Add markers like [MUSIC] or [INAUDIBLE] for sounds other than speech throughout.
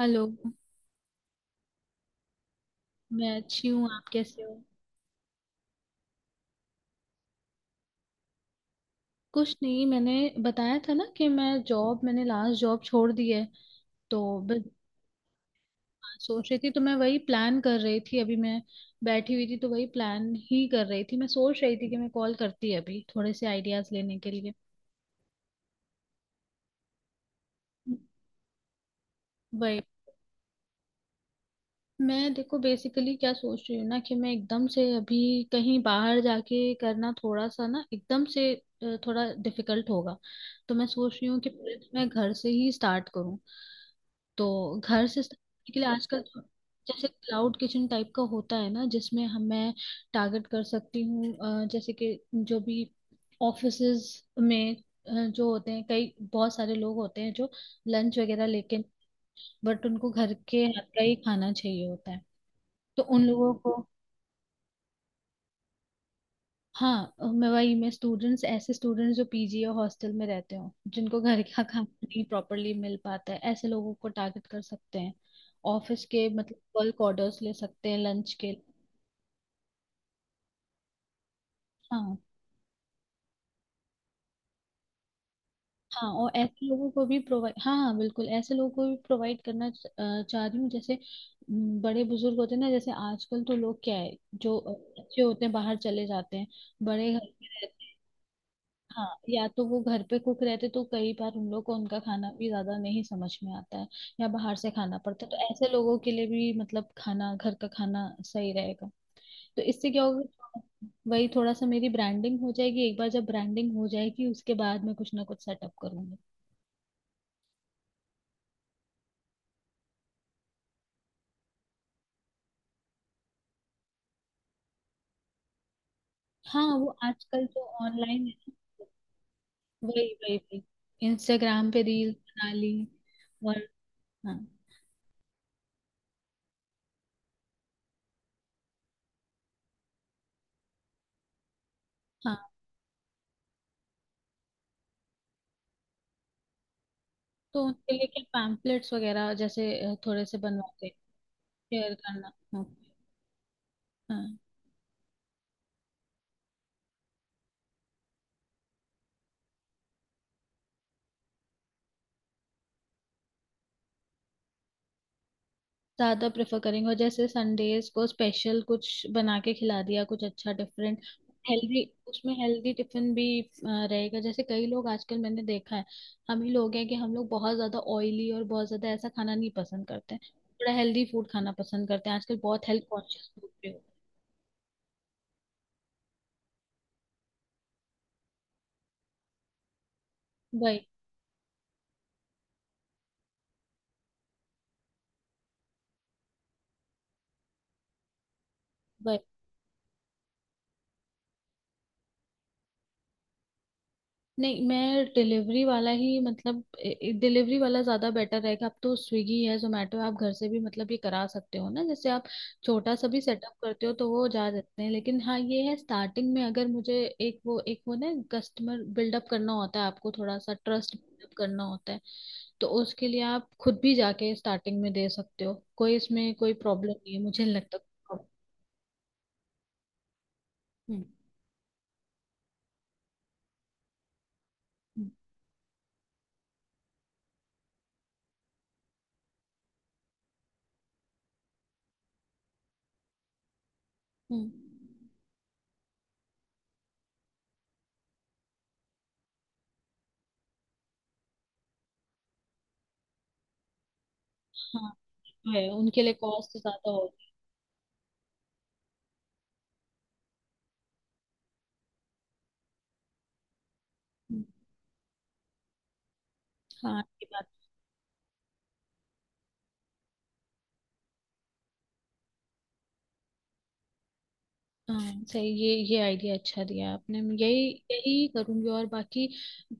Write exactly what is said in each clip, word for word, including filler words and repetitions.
Hello. मैं अच्छी हूँ, आप कैसे हो? कुछ नहीं, मैंने बताया था ना कि मैं जॉब मैंने लास्ट जॉब छोड़ दी है तो बस सोच रही थी। तो मैं वही प्लान कर रही थी। अभी मैं बैठी हुई थी तो वही प्लान ही कर रही थी। मैं सोच रही थी कि मैं कॉल करती अभी थोड़े से आइडियाज लेने के लिए। वही। मैं देखो बेसिकली क्या सोच रही हूँ ना कि मैं एकदम से अभी कहीं बाहर जाके करना थोड़ा सा ना, एकदम से अ, थोड़ा डिफिकल्ट होगा। तो मैं सोच रही हूँ कि मैं घर से ही स्टार्ट करूँ। तो घर से start करने के लिए आजकल तो जैसे क्लाउड किचन टाइप का होता है ना, जिसमें हम मैं टारगेट कर सकती हूँ। अ, जैसे कि जो भी ऑफिसेज में अ, जो होते हैं, कई बहुत सारे लोग होते हैं जो लंच वगैरह लेके, बट उनको घर के हाथ का ही खाना चाहिए होता है। तो उन लोगों को हाँ अ, मैं वही मैं स्टूडेंट्स, ऐसे स्टूडेंट्स जो पीजी या हॉस्टल में रहते हो, जिनको घर का [LAUGHS] खाना नहीं प्रॉपरली मिल पाता है, ऐसे लोगों को टारगेट कर सकते हैं। ऑफिस के मतलब बल्क ऑर्डर्स ले सकते हैं लंच के। हाँ हाँ, और ऐसे लोगों को भी प्रोवाइड, हाँ हाँ बिल्कुल, ऐसे लोगों को भी प्रोवाइड करना च- अ, चाह रही हूँ। जैसे म, बड़े बुजुर्ग होते हैं ना, जैसे आजकल तो लोग क्या है जो अ, बच्चे होते हैं बाहर चले जाते हैं, बड़े घर में रहते। हाँ, या तो वो घर पे कुक रहते तो कई बार उन लोग को उनका खाना भी ज्यादा नहीं समझ में आता है, या बाहर से खाना पड़ता है। तो ऐसे लोगों के लिए भी मतलब खाना, घर का खाना सही रहेगा। तो इससे क्या होगा, वही थोड़ा सा मेरी ब्रांडिंग हो जाएगी। एक बार जब ब्रांडिंग हो जाएगी उसके बाद मैं कुछ ना कुछ सेटअप करूंगी। हाँ, वो आजकल जो ऑनलाइन है ना, वही वही वही इंस्टाग्राम पे रील बना ली। और हाँ हाँ। तो उनके लिए क्या, पैम्पलेट्स वगैरह जैसे अ, थोड़े से बनवा के शेयर करना। हाँ हाँ, ज्यादा प्रेफर करेंगे, और जैसे संडेज को स्पेशल कुछ बना के खिला दिया कुछ अच्छा डिफरेंट, हेल्दी। उसमें हेल्दी टिफिन भी अ, रहेगा। जैसे कई लोग आजकल मैंने देखा है, हम ही लोग हैं कि हम लोग बहुत ज्यादा ऑयली और बहुत ज्यादा ऐसा खाना नहीं पसंद करते हैं, थोड़ा हेल्दी फूड खाना पसंद करते हैं। आजकल बहुत हेल्थ कॉन्शियस लोग भी हो। वही। नहीं, मैं डिलीवरी वाला ही मतलब डिलीवरी वाला ज़्यादा बेटर रहेगा। अब तो स्विगी है, जोमेटो, आप घर से भी मतलब ये करा सकते हो ना। जैसे आप छोटा सा भी सेटअप करते हो तो वो जा सकते हैं। लेकिन हाँ ये है, स्टार्टिंग में अगर मुझे एक वो एक वो ना, कस्टमर बिल्डअप करना होता है, आपको थोड़ा सा ट्रस्ट बिल्डअप करना होता है। तो उसके लिए आप खुद भी जाके स्टार्टिंग में दे सकते हो, कोई इसमें कोई प्रॉब्लम नहीं है, मुझे नहीं लगता कोई प्रॉब्लम। हम्म। हम्म। हम्म। हाँ तो है, उनके लिए कॉस्ट ज़्यादा होगी। हम्म, हाँ ये बात। हाँ सही, ये ये आइडिया अच्छा दिया आपने। मैं यही यही करूंगी। और बाकी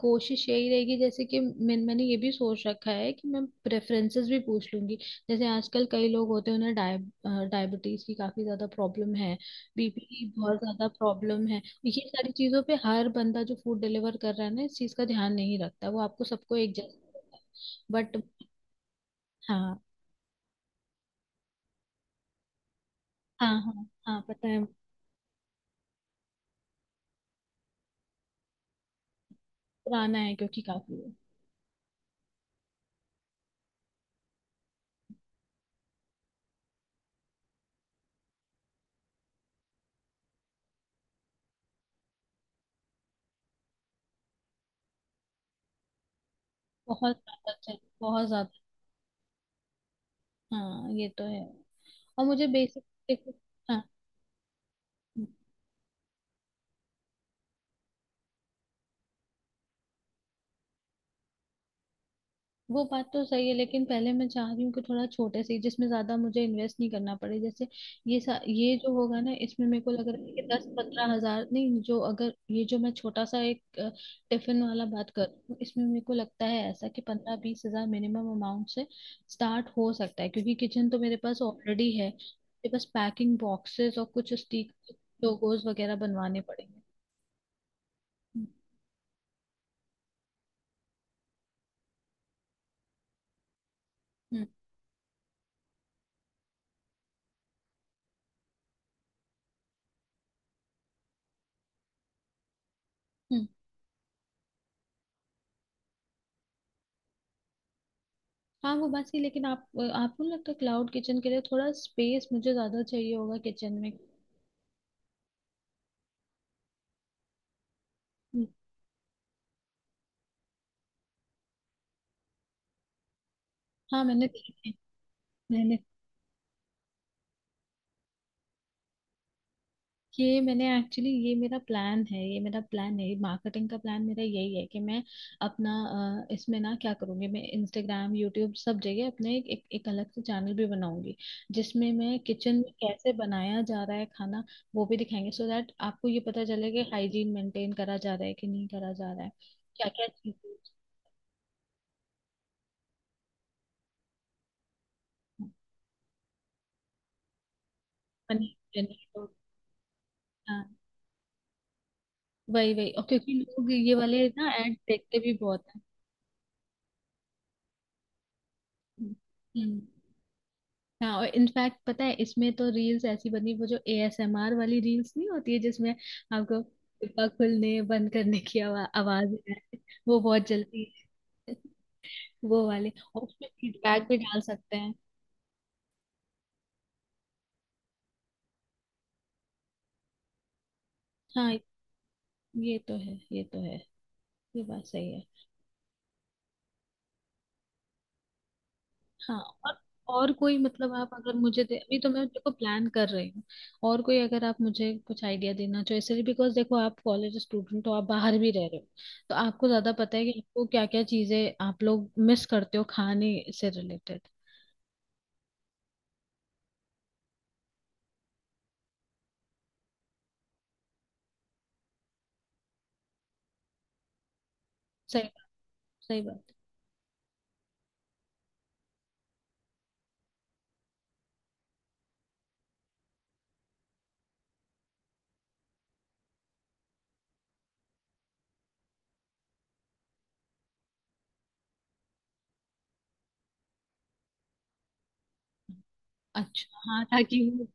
कोशिश यही रहेगी जैसे कि मैं मैंने ये भी सोच रखा है कि मैं प्रेफरेंसेस भी पूछ लूंगी। जैसे आजकल कई लोग होते हैं, उन्हें डाय डायबिटीज की काफी ज्यादा प्रॉब्लम है, बीपी की बहुत ज्यादा प्रॉब्लम है। ये सारी चीजों पे हर बंदा जो फूड डिलीवर कर रहा है ना, इस चीज का ध्यान नहीं रखता, वो आपको सबको एक जैसा। बट हाँ हाँ। हाँ हाँ पता है। पुराना है क्योंकि काफी है। बहुत ज्यादा चल बहुत ज्यादा। हाँ ये तो है। और मुझे बेसिक। देखो। हाँ, वो बात तो सही है, लेकिन पहले मैं चाह रही हूँ कि थोड़ा छोटे से ही, जिसमें ज्यादा मुझे इन्वेस्ट नहीं करना पड़े। जैसे ये सा, ये जो होगा ना, इसमें मेरे को लग रहा है कि दस पंद्रह हजार नहीं, जो अगर ये जो मैं छोटा सा एक अ, टिफिन वाला बात कर रही हूँ, इसमें मेरे को लगता है ऐसा कि पंद्रह बीस हजार मिनिमम अमाउंट से स्टार्ट हो सकता है। क्योंकि किचन तो मेरे पास ऑलरेडी है, मेरे पास पैकिंग बॉक्सेस और कुछ स्टिक लोगोज वगैरह बनवाने पड़ेंगे। हम्म। हम्म। हम्म। हाँ, वो बात सही। लेकिन आप, आपको नहीं लगता क्लाउड किचन के लिए थोड़ा स्पेस मुझे ज्यादा चाहिए होगा किचन में? हम्म, हाँ मैंने देखे। मैंने ये मैंने एक्चुअली, ये मेरा प्लान है, ये मेरा प्लान है। मार्केटिंग का प्लान मेरा यही है कि मैं अपना अ, इसमें ना क्या करूँगी, मैं इंस्टाग्राम यूट्यूब सब जगह अपने एक, एक, एक अलग से चैनल भी बनाऊंगी, जिसमें मैं किचन में कैसे बनाया जा रहा है खाना वो भी दिखाएंगे सो so दैट आपको ये पता चले कि हाइजीन मेंटेन करा जा रहा है कि नहीं करा जा रहा है, क्या क्या चीज़ें। पनीर। हाँ, वही वही, और क्योंकि लोग ये वाले ना एड देखते भी बहुत हैं। हम्म। हम्म। हाँ और इनफैक्ट पता है, इसमें तो रील्स ऐसी बनी, वो जो एएसएमआर वाली रील्स नहीं होती है जिसमें आपको डिब्बा खुलने बंद करने की आवा, आवाज है, वो बहुत जल्दी है। वो वाले, और उसमें फीडबैक भी डाल सकते हैं। हाँ ये तो है, ये तो है, ये बात सही है। हाँ, और और कोई मतलब आप अगर मुझे दे अभी, तो मैं देखो प्लान कर रही हूँ, और कोई अगर आप मुझे कुछ आइडिया देना चाहो, इसलिए बिकॉज देखो आप कॉलेज स्टूडेंट हो, आप बाहर भी रह रहे हो, तो आपको ज्यादा पता है कि आपको क्या क्या चीजें आप लोग मिस करते हो खाने से रिलेटेड। सही बात, सही बात। अच्छा हाँ, ताकि वो-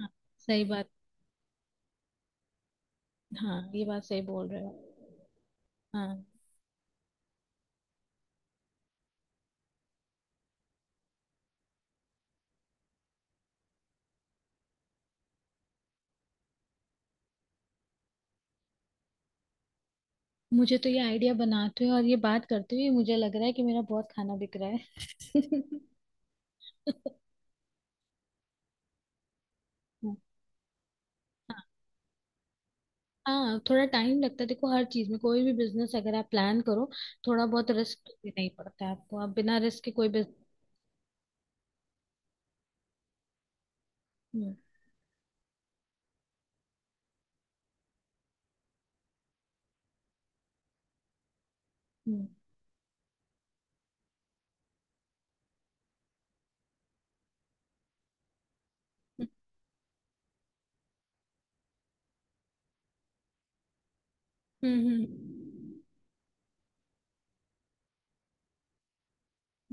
हाँ, सही बात। हाँ ये बात सही बोल रहे हो। हाँ। मुझे तो ये आइडिया बनाते हुए और ये बात करते हुए मुझे लग रहा है कि मेरा बहुत खाना बिक रहा है। [LAUGHS] हाँ हाँ, थोड़ा टाइम लगता है। देखो हर चीज में कोई भी बिजनेस अगर आप प्लान करो, थोड़ा बहुत रिस्क लेना ही पड़ता है, आपको आप बिना रिस्क के कोई बिजनेस। हम्म। हम्म। हम्म, हम्म, हम्म,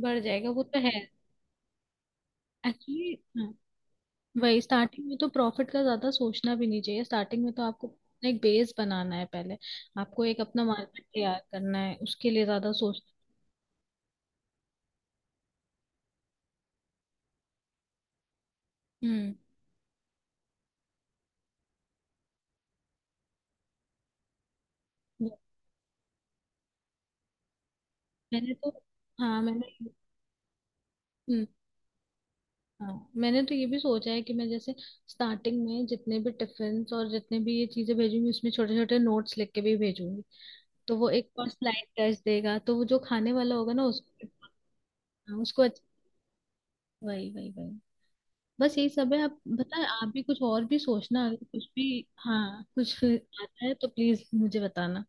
बढ़ जाएगा वो तो है। एक्चुअली, वही स्टार्टिंग में तो प्रॉफिट का ज्यादा सोचना भी नहीं चाहिए, स्टार्टिंग में तो आपको अपना एक बेस बनाना है पहले, आपको एक अपना मार्केट तैयार करना है उसके लिए, ज्यादा सोच। हम्म। मैंने तो हाँ मैंने हम्म, हाँ मैंने तो ये भी सोचा है कि मैं जैसे स्टार्टिंग में जितने भी टिफिन और जितने भी ये चीजें भेजूंगी, उसमें छोटे छोटे नोट्स लिख के भी भेजूंगी। तो वो एक और स्लाइड टच देगा, तो वो जो खाने वाला होगा ना उसको, हाँ, उसको अच्छा। वही वही वही। बस यही सब है, आप बताए, आप भी कुछ और भी सोचना, अगर कुछ भी हाँ कुछ आता है तो प्लीज मुझे बताना।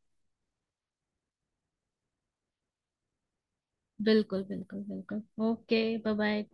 बिल्कुल बिल्कुल बिल्कुल। Okay bye bye.